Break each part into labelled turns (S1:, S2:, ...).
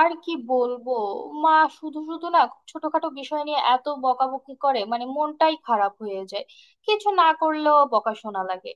S1: আর কি বলবো? মা শুধু শুধু না, খুব ছোটখাটো বিষয় নিয়ে এত বকাবকি করে, মানে মনটাই খারাপ হয়ে যায়। কিছু না করলেও বকা শোনা লাগে।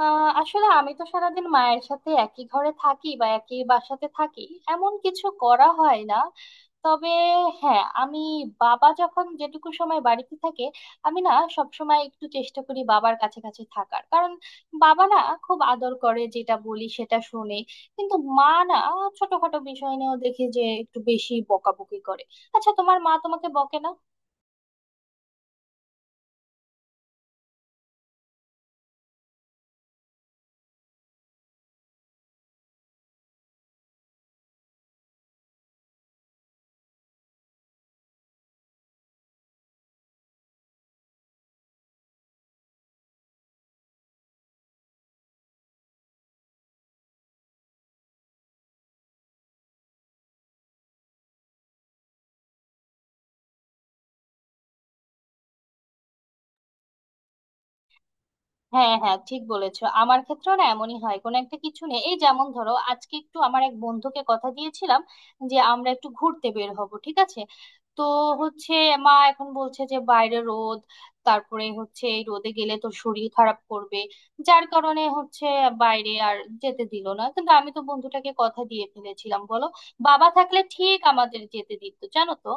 S1: আসলে আমি তো সারাদিন মায়ের সাথে একই ঘরে থাকি বা একই বাসাতে থাকি, এমন কিছু করা হয় না। তবে হ্যাঁ, আমি বাবা যখন যেটুকু সময় বাড়িতে থাকে, আমি না সব সময় একটু চেষ্টা করি বাবার কাছে কাছে থাকার, কারণ বাবা না খুব আদর করে, যেটা বলি সেটা শুনে। কিন্তু মা না ছোটখাটো বিষয় নিয়েও দেখি যে একটু বেশি বকাবকি করে। আচ্ছা, তোমার মা তোমাকে বকে না? হ্যাঁ হ্যাঁ, ঠিক বলেছো, আমার ক্ষেত্রেও না এমনই হয়। কোনো একটা কিছু নেই, এই যেমন ধরো আজকে একটু আমার এক বন্ধুকে কথা দিয়েছিলাম যে আমরা একটু ঘুরতে বের হব, ঠিক আছে? তো হচ্ছে, মা এখন বলছে যে বাইরে রোদ, তারপরে হচ্ছে এই রোদে গেলে তো শরীর খারাপ করবে, যার কারণে হচ্ছে বাইরে আর যেতে দিল না। কিন্তু আমি তো বন্ধুটাকে কথা দিয়ে ফেলেছিলাম, বলো। বাবা থাকলে ঠিক আমাদের যেতে দিত, জানো তো।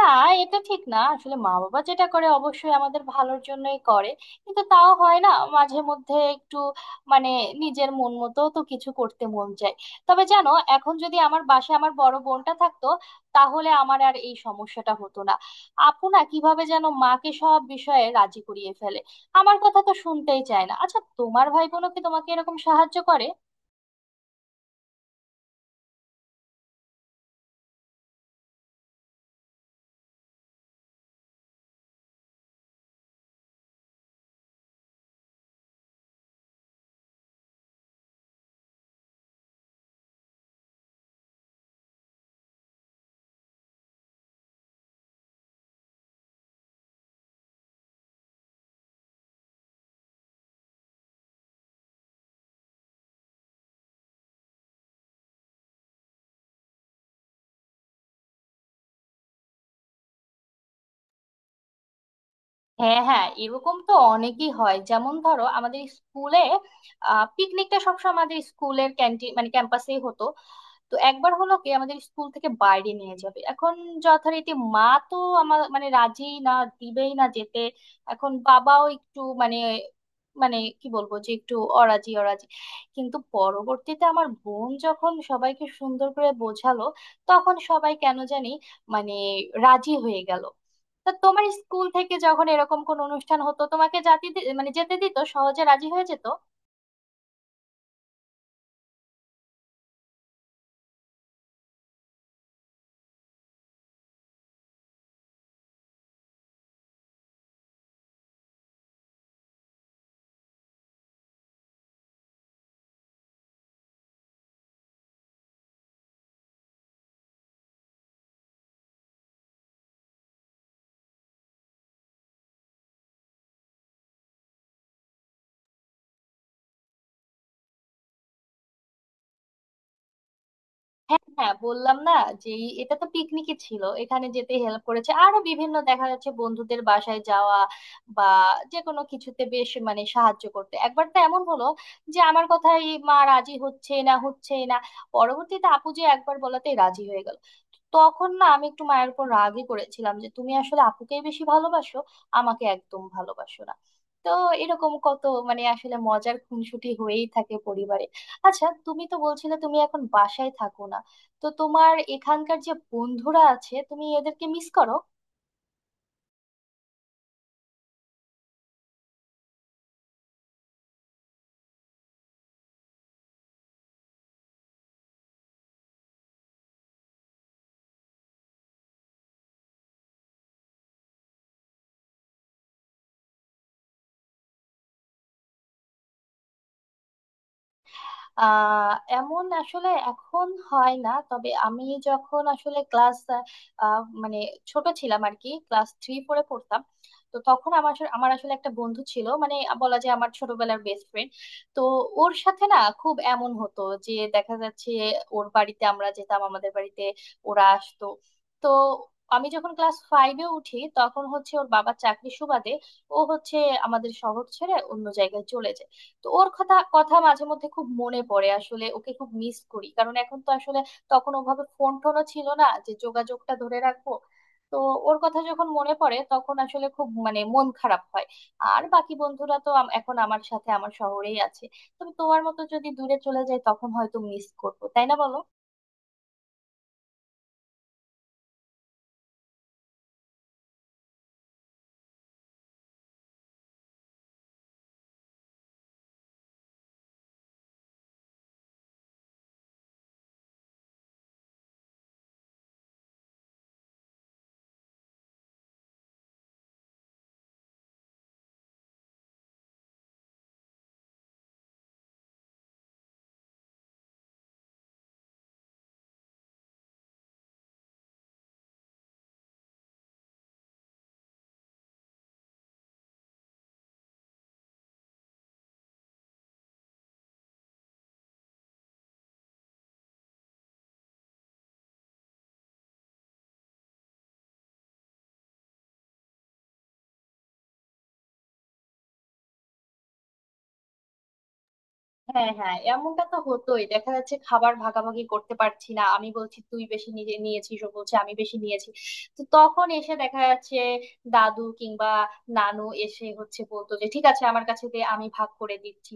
S1: না, এটা ঠিক না, আসলে মা বাবা যেটা করে অবশ্যই আমাদের ভালোর জন্যই করে, কিন্তু তাও হয় না। মাঝে মধ্যে একটু মানে নিজের মন মতো তো কিছু করতে মন চায়। তবে জানো, এখন যদি আমার বাসায় আমার বড় বোনটা থাকতো, তাহলে আমার আর এই সমস্যাটা হতো না। আপু না কিভাবে যেন মাকে সব বিষয়ে রাজি করিয়ে ফেলে, আমার কথা তো শুনতেই চায় না। আচ্ছা, তোমার ভাই বোনও কি তোমাকে এরকম সাহায্য করে? হ্যাঁ হ্যাঁ, এরকম তো অনেকই হয়। যেমন ধরো, আমাদের স্কুলে পিকনিকটা সবসময় আমাদের স্কুলের ক্যান্টিন, মানে ক্যাম্পাসেই হতো। তো একবার হলো কি, আমাদের স্কুল থেকে বাইরে নিয়ে যাবে। এখন যথারীতি মা তো আমার, মানে রাজি না, দিবেই না যেতে। এখন বাবাও একটু মানে, মানে কি বলবো, যে একটু অরাজি অরাজি। কিন্তু পরবর্তীতে আমার বোন যখন সবাইকে সুন্দর করে বোঝালো, তখন সবাই কেন জানি মানে রাজি হয়ে গেল। তা তোমার স্কুল থেকে যখন এরকম কোন অনুষ্ঠান হতো, তোমাকে মানে যেতে দিত? সহজে রাজি হয়ে যেত? হ্যাঁ হ্যাঁ, বললাম না যে, এটা তো পিকনিকই ছিল, এখানে যেতে হেল্প করেছে। আরো বিভিন্ন, দেখা যাচ্ছে বন্ধুদের বাসায় যাওয়া বা যে কোনো কিছুতে বেশ মানে সাহায্য করতে। একবার তো এমন হলো যে আমার কথাই মা রাজি হচ্ছে না হচ্ছে না, পরবর্তীতে আপু যে একবার বলাতেই রাজি হয়ে গেল। তখন না আমি একটু মায়ের উপর রাগই করেছিলাম যে তুমি আসলে আপুকেই বেশি ভালোবাসো, আমাকে একদম ভালোবাসো না। তো এরকম কত, মানে আসলে মজার খুনসুটি হয়েই থাকে পরিবারে। আচ্ছা, তুমি তো বলছিলে তুমি এখন বাসায় থাকো না। তো তোমার এখানকার যে বন্ধুরা আছে, তুমি এদেরকে মিস করো? আহ এমন আসলে এখন হয় না, তবে আমি যখন আসলে ক্লাস, মানে ছোট ছিলাম আর কি, ক্লাস থ্রি ফোরে পড়তাম। তো তখন আমার আসলে একটা বন্ধু ছিল, মানে বলা যায় আমার ছোটবেলার বেস্ট ফ্রেন্ড। তো ওর সাথে না খুব এমন হতো যে, দেখা যাচ্ছে ওর বাড়িতে আমরা যেতাম, আমাদের বাড়িতে ওরা আসতো। তো আমি যখন ক্লাস ফাইভে উঠি, তখন হচ্ছে ওর বাবা চাকরির সুবাদে ও হচ্ছে আমাদের শহর ছেড়ে অন্য জায়গায় চলে যায়। তো ওর কথা কথা মাঝে মধ্যে খুব মনে পড়ে, আসলে ওকে খুব মিস করি। কারণ এখন তো আসলে, তখন ওভাবে ফোন টোনও ছিল না যে যোগাযোগটা ধরে রাখবো। তো ওর কথা যখন মনে পড়ে তখন আসলে খুব মানে মন খারাপ হয়। আর বাকি বন্ধুরা তো এখন আমার সাথে আমার শহরেই আছে। তবে তোমার মতো যদি দূরে চলে যায়, তখন হয়তো মিস করবো, তাই না, বলো? হ্যাঁ হ্যাঁ, এমনটা তো হতোই। দেখা যাচ্ছে খাবার ভাগাভাগি করতে পারছি না, আমি বলছি তুই বেশি নিজে নিয়েছিস, ও বলছে আমি বেশি নিয়েছি। তো তখন এসে দেখা যাচ্ছে দাদু কিংবা নানু এসে হচ্ছে বলতো যে, ঠিক আছে আমার কাছে দে, আমি ভাগ করে দিচ্ছি।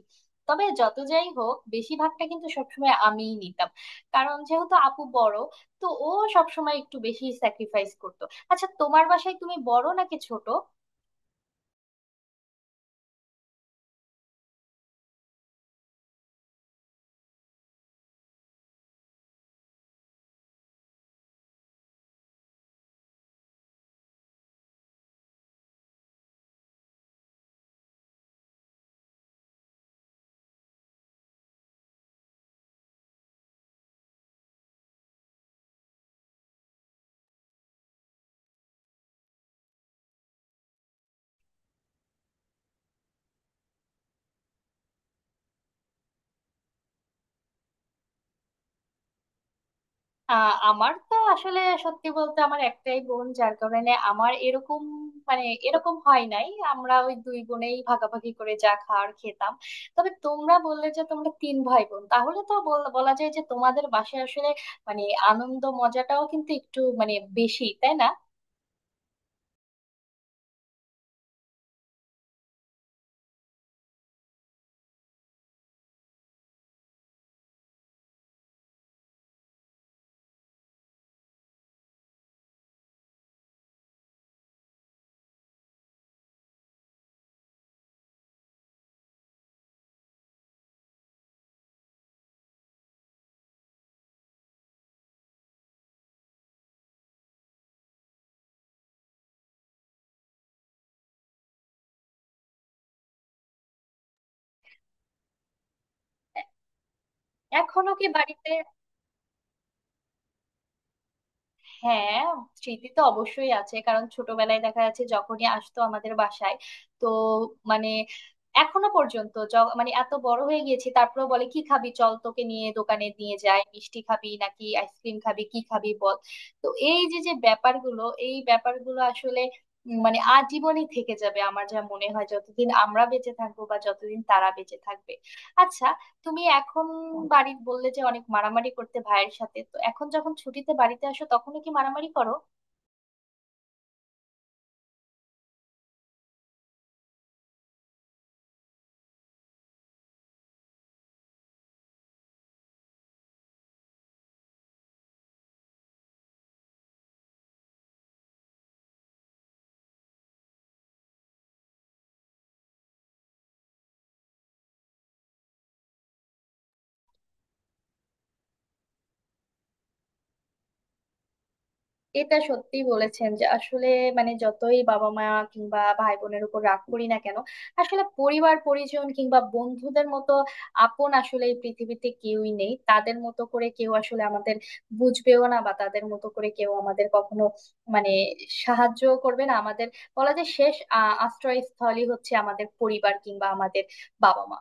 S1: তবে যত যাই হোক, বেশিরভাগটা কিন্তু সবসময় আমিই নিতাম, কারণ যেহেতু আপু বড়, তো ও সবসময় একটু বেশি স্যাক্রিফাইস করতো। আচ্ছা, তোমার বাসায় তুমি বড় নাকি ছোট? আমার তো আসলে, সত্যি বলতে আমার একটাই বোন, যার কারণে আমার এরকম, মানে এরকম হয় নাই, আমরা ওই দুই বোনেই ভাগাভাগি করে যা খাওয়ার খেতাম। তবে তোমরা বললে যে তোমরা তিন ভাই বোন, তাহলে তো বলা যায় যে তোমাদের বাসায় আসলে মানে আনন্দ মজাটাও কিন্তু একটু মানে বেশি, তাই না? এখনো কি বাড়িতে? হ্যাঁ, স্মৃতি তো অবশ্যই আছে। কারণ ছোটবেলায় দেখা যাচ্ছে যখনই আসতো আমাদের বাসায়, তো মানে এখনো পর্যন্ত মানে এত বড় হয়ে গিয়েছি, তারপরে বলে, কি খাবি, চল তোকে নিয়ে দোকানে নিয়ে যাই, মিষ্টি খাবি নাকি আইসক্রিম খাবি, কি খাবি বল। তো এই যে যে ব্যাপারগুলো, এই ব্যাপারগুলো আসলে মানে আজীবনই থেকে যাবে আমার যা মনে হয়, যতদিন আমরা বেঁচে থাকবো বা যতদিন তারা বেঁচে থাকবে। আচ্ছা, তুমি এখন বাড়ির বললে যে অনেক মারামারি করতে ভাইয়ের সাথে, তো এখন যখন ছুটিতে বাড়িতে আসো, তখনই কি মারামারি করো? এটা সত্যি বলেছেন যে আসলে, মানে যতই বাবা মা কিংবা ভাই বোনের উপর রাগ করি না কেন, আসলে পরিবার পরিজন কিংবা বন্ধুদের মতো আপন আসলে এই পৃথিবীতে কেউই নেই। তাদের মতো করে কেউ আসলে আমাদের বুঝবেও না, বা তাদের মতো করে কেউ আমাদের কখনো মানে সাহায্য করবে না আমাদের। বলা যায় শেষ আশ্রয়স্থলই হচ্ছে আমাদের পরিবার কিংবা আমাদের বাবা মা।